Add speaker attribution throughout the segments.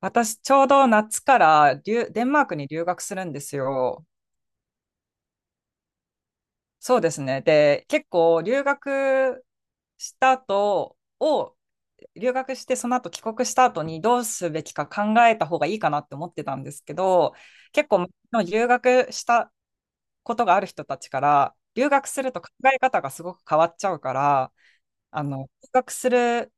Speaker 1: 私、ちょうど夏からデンマークに留学するんですよ。そうですね。で、結構した後を、留学してその後帰国した後にどうすべきか考えた方がいいかなって思ってたんですけど、結構留学したことがある人たちから、留学すると考え方がすごく変わっちゃうから、あの、留学する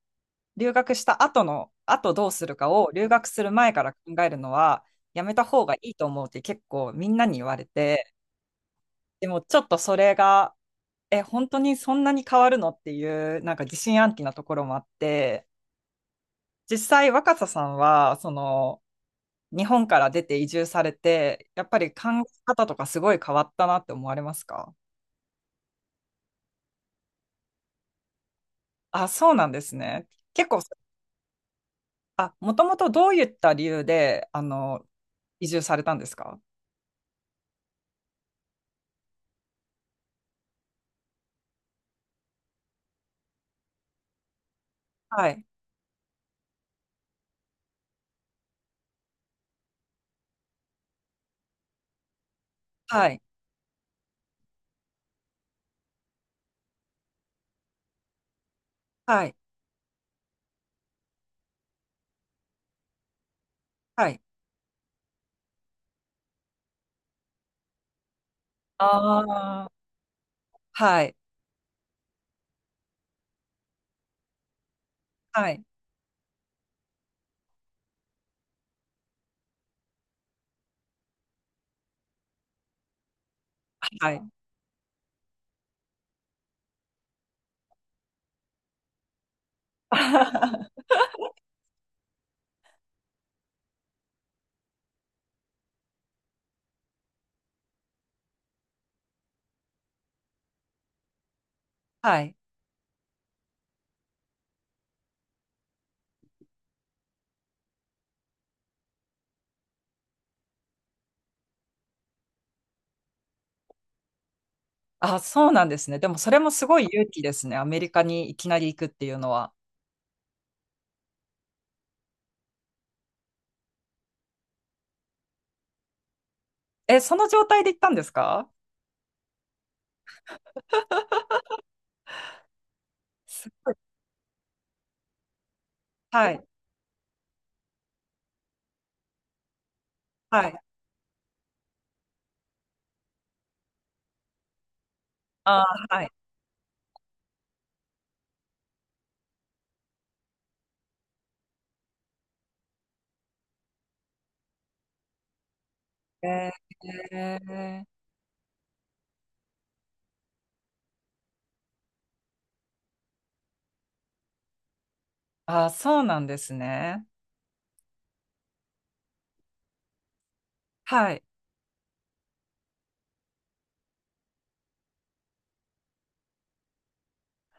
Speaker 1: 留学した後どうするかを留学する前から考えるのはやめた方がいいと思うって結構みんなに言われて、でもちょっとそれが、え、本当にそんなに変わるのっていう、なんか疑心暗鬼なところもあって、実際若狭さんは、日本から出て移住されて、やっぱり考え方とかすごい変わったなって思われますか？あ、そうなんですね。結構、あ、もともとどういった理由で、移住されたんですか？はい。はい。はい。はい。ああ、はい。はい。はい。あはい。あ、そうなんですね。でもそれもすごい勇気ですね。アメリカにいきなり行くっていうのは。え、その状態で行ったんですか？すごい。はい。はい。あー、はい。えー、あー、そうなんですね。はい。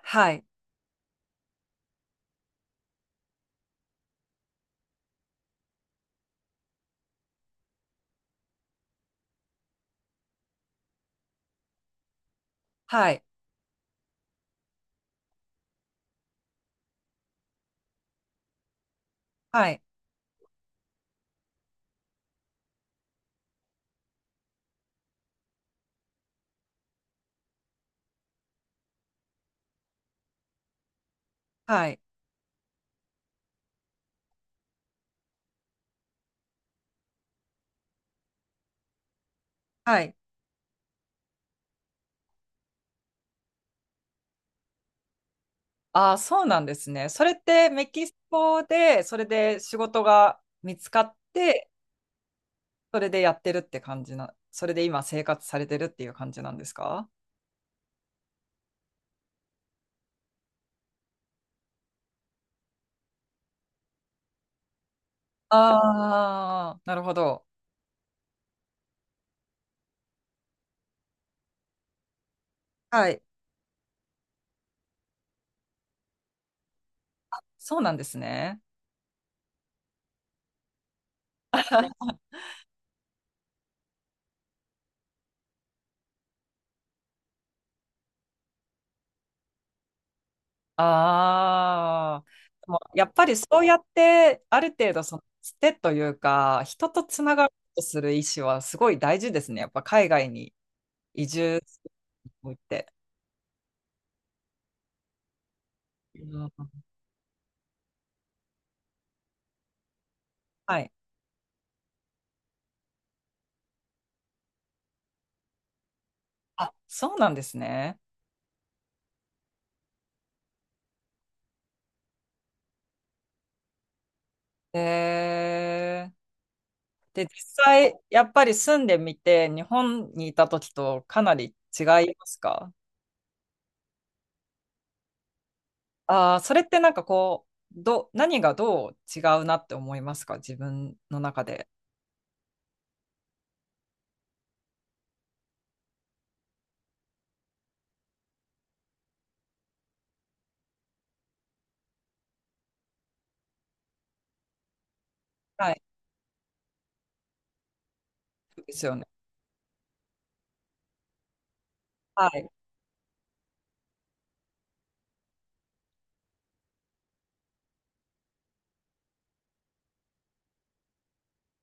Speaker 1: はい。はい。はい。はい。はい。あー、そうなんですね。それってメキシコで、それで仕事が見つかって、それでやってるって感じな、それで今生活されてるっていう感じなんですか？ああー、なるほど。はい。そうなんですね。ああ、でもやっぱりそうやって、ある程度そのつてというか、人とつながろうとする意思はすごい大事ですね。やっぱ海外に移住するにおいて。うん。はい。あ、そうなんですね。えーで、実際、やっぱり住んでみて、日本にいた時とかなり違いますか？ああー、それってなんかこう、何がどう違うなって思いますか自分の中で？はい。そうですよね。はい。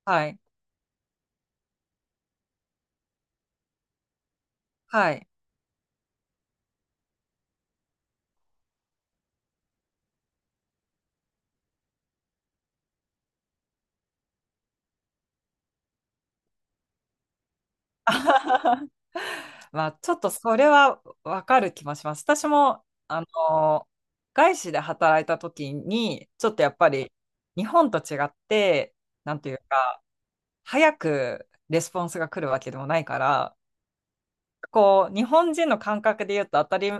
Speaker 1: はい。はい。あはははまあ、ちょっとそれはわかる気もします。私も、の、外資で働いた時に、ちょっとやっぱり日本と違って、なんていうか、早くレスポンスが来るわけでもないから、こう、日本人の感覚で言うと当たり、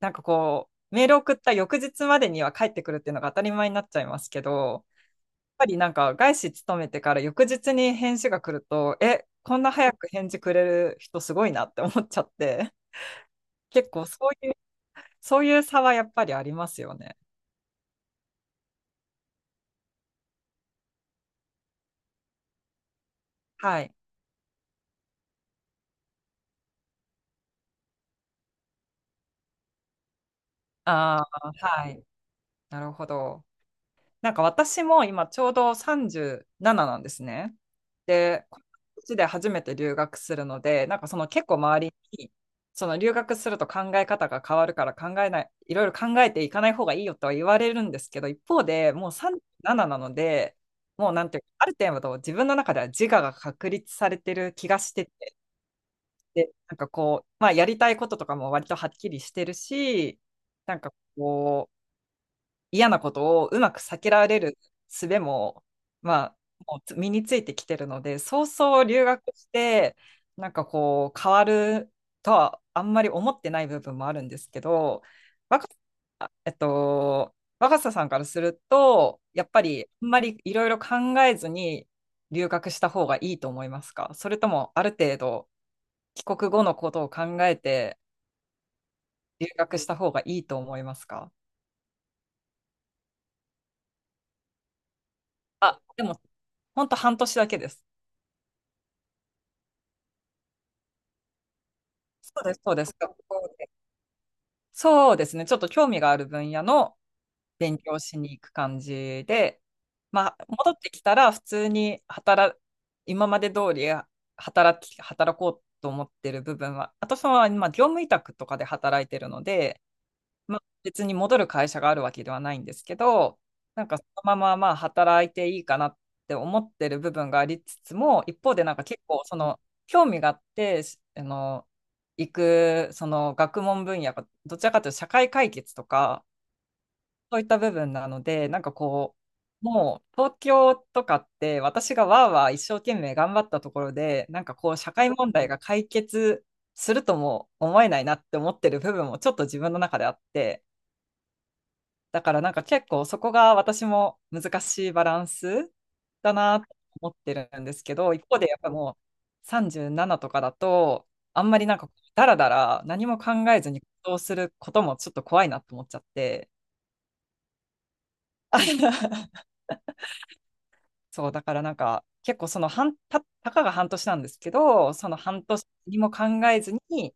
Speaker 1: なんかこう、メール送った翌日までには帰ってくるっていうのが当たり前になっちゃいますけど、やっぱりなんか外資勤めてから翌日に返事が来ると、え、こんな早く返事くれる人すごいなって思っちゃって、結構そういう、そういう差はやっぱりありますよね。はい。ああ、はい。なるほど。なんか私も今ちょうど37なんですね。で、この年で初めて留学するので、なんかその結構周りに、その留学すると考え方が変わるから考えない、いろいろ考えていかない方がいいよとは言われるんですけど、一方でもう37なので、もうなんていうか、ある程度自分の中では自我が確立されてる気がしてて、で、なんかこう、まあやりたいこととかも割とはっきりしてるし、なんかこう、嫌なことをうまく避けられる術も、まあ、もう身についてきてるので、そうそう留学して、なんかこう、変わるとはあんまり思ってない部分もあるんですけど、若あえっと、若狭さんからすると、やっぱりあんまりいろいろ考えずに留学した方がいいと思いますか？それともある程度帰国後のことを考えて留学した方がいいと思いますか？あ、でも本当半年だけです。そうです、そうです。学校で。そうですね。ちょっと興味がある分野の勉強しに行く感じで、まあ、戻ってきたら普通に働、今まで通り働こうと思ってる部分は、私は今、業務委託とかで働いてるので、まあ、別に戻る会社があるわけではないんですけど、なんかそのまままあ働いていいかなって思ってる部分がありつつも、一方でなんか結構その興味があって、しあの、行くその学問分野がどちらかというと社会解決とか、そういった部分なので、なんかこう、もう東京とかって私がわーわー一生懸命頑張ったところで、なんかこう社会問題が解決するとも思えないなって思ってる部分もちょっと自分の中であって、だからなんか結構そこが私も難しいバランスだなと思ってるんですけど、一方でやっぱもう37とかだと、あんまりなんかダラダラ何も考えずに行動することもちょっと怖いなと思っちゃって。そう、だからなんか結構そのたかが半年なんですけど、その半年にも考えずに、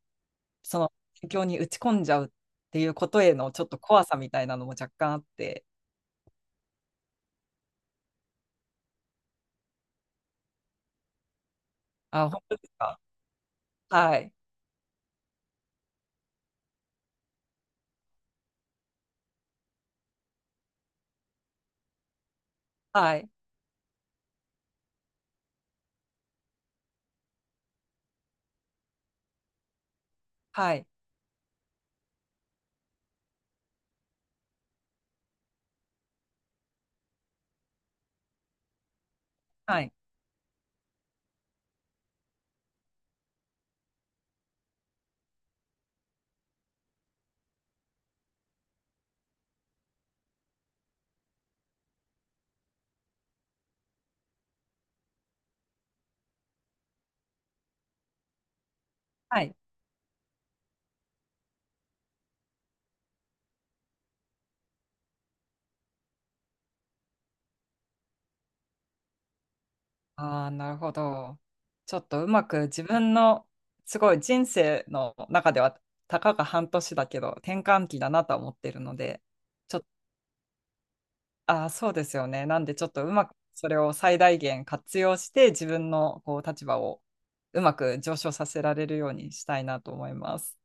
Speaker 1: その勉強に打ち込んじゃうっていうことへのちょっと怖さみたいなのも若干あって、あ、本当ですか？はい、はい、はい。はい。はい。ああ、なるほど。ちょっとうまく自分の、すごい人生の中では、たかが半年だけど、転換期だなとは思ってるので、ちょっと、ああ、そうですよね。なんで、ちょっとうまくそれを最大限活用して、自分のこう立場をうまく上昇させられるようにしたいなと思います。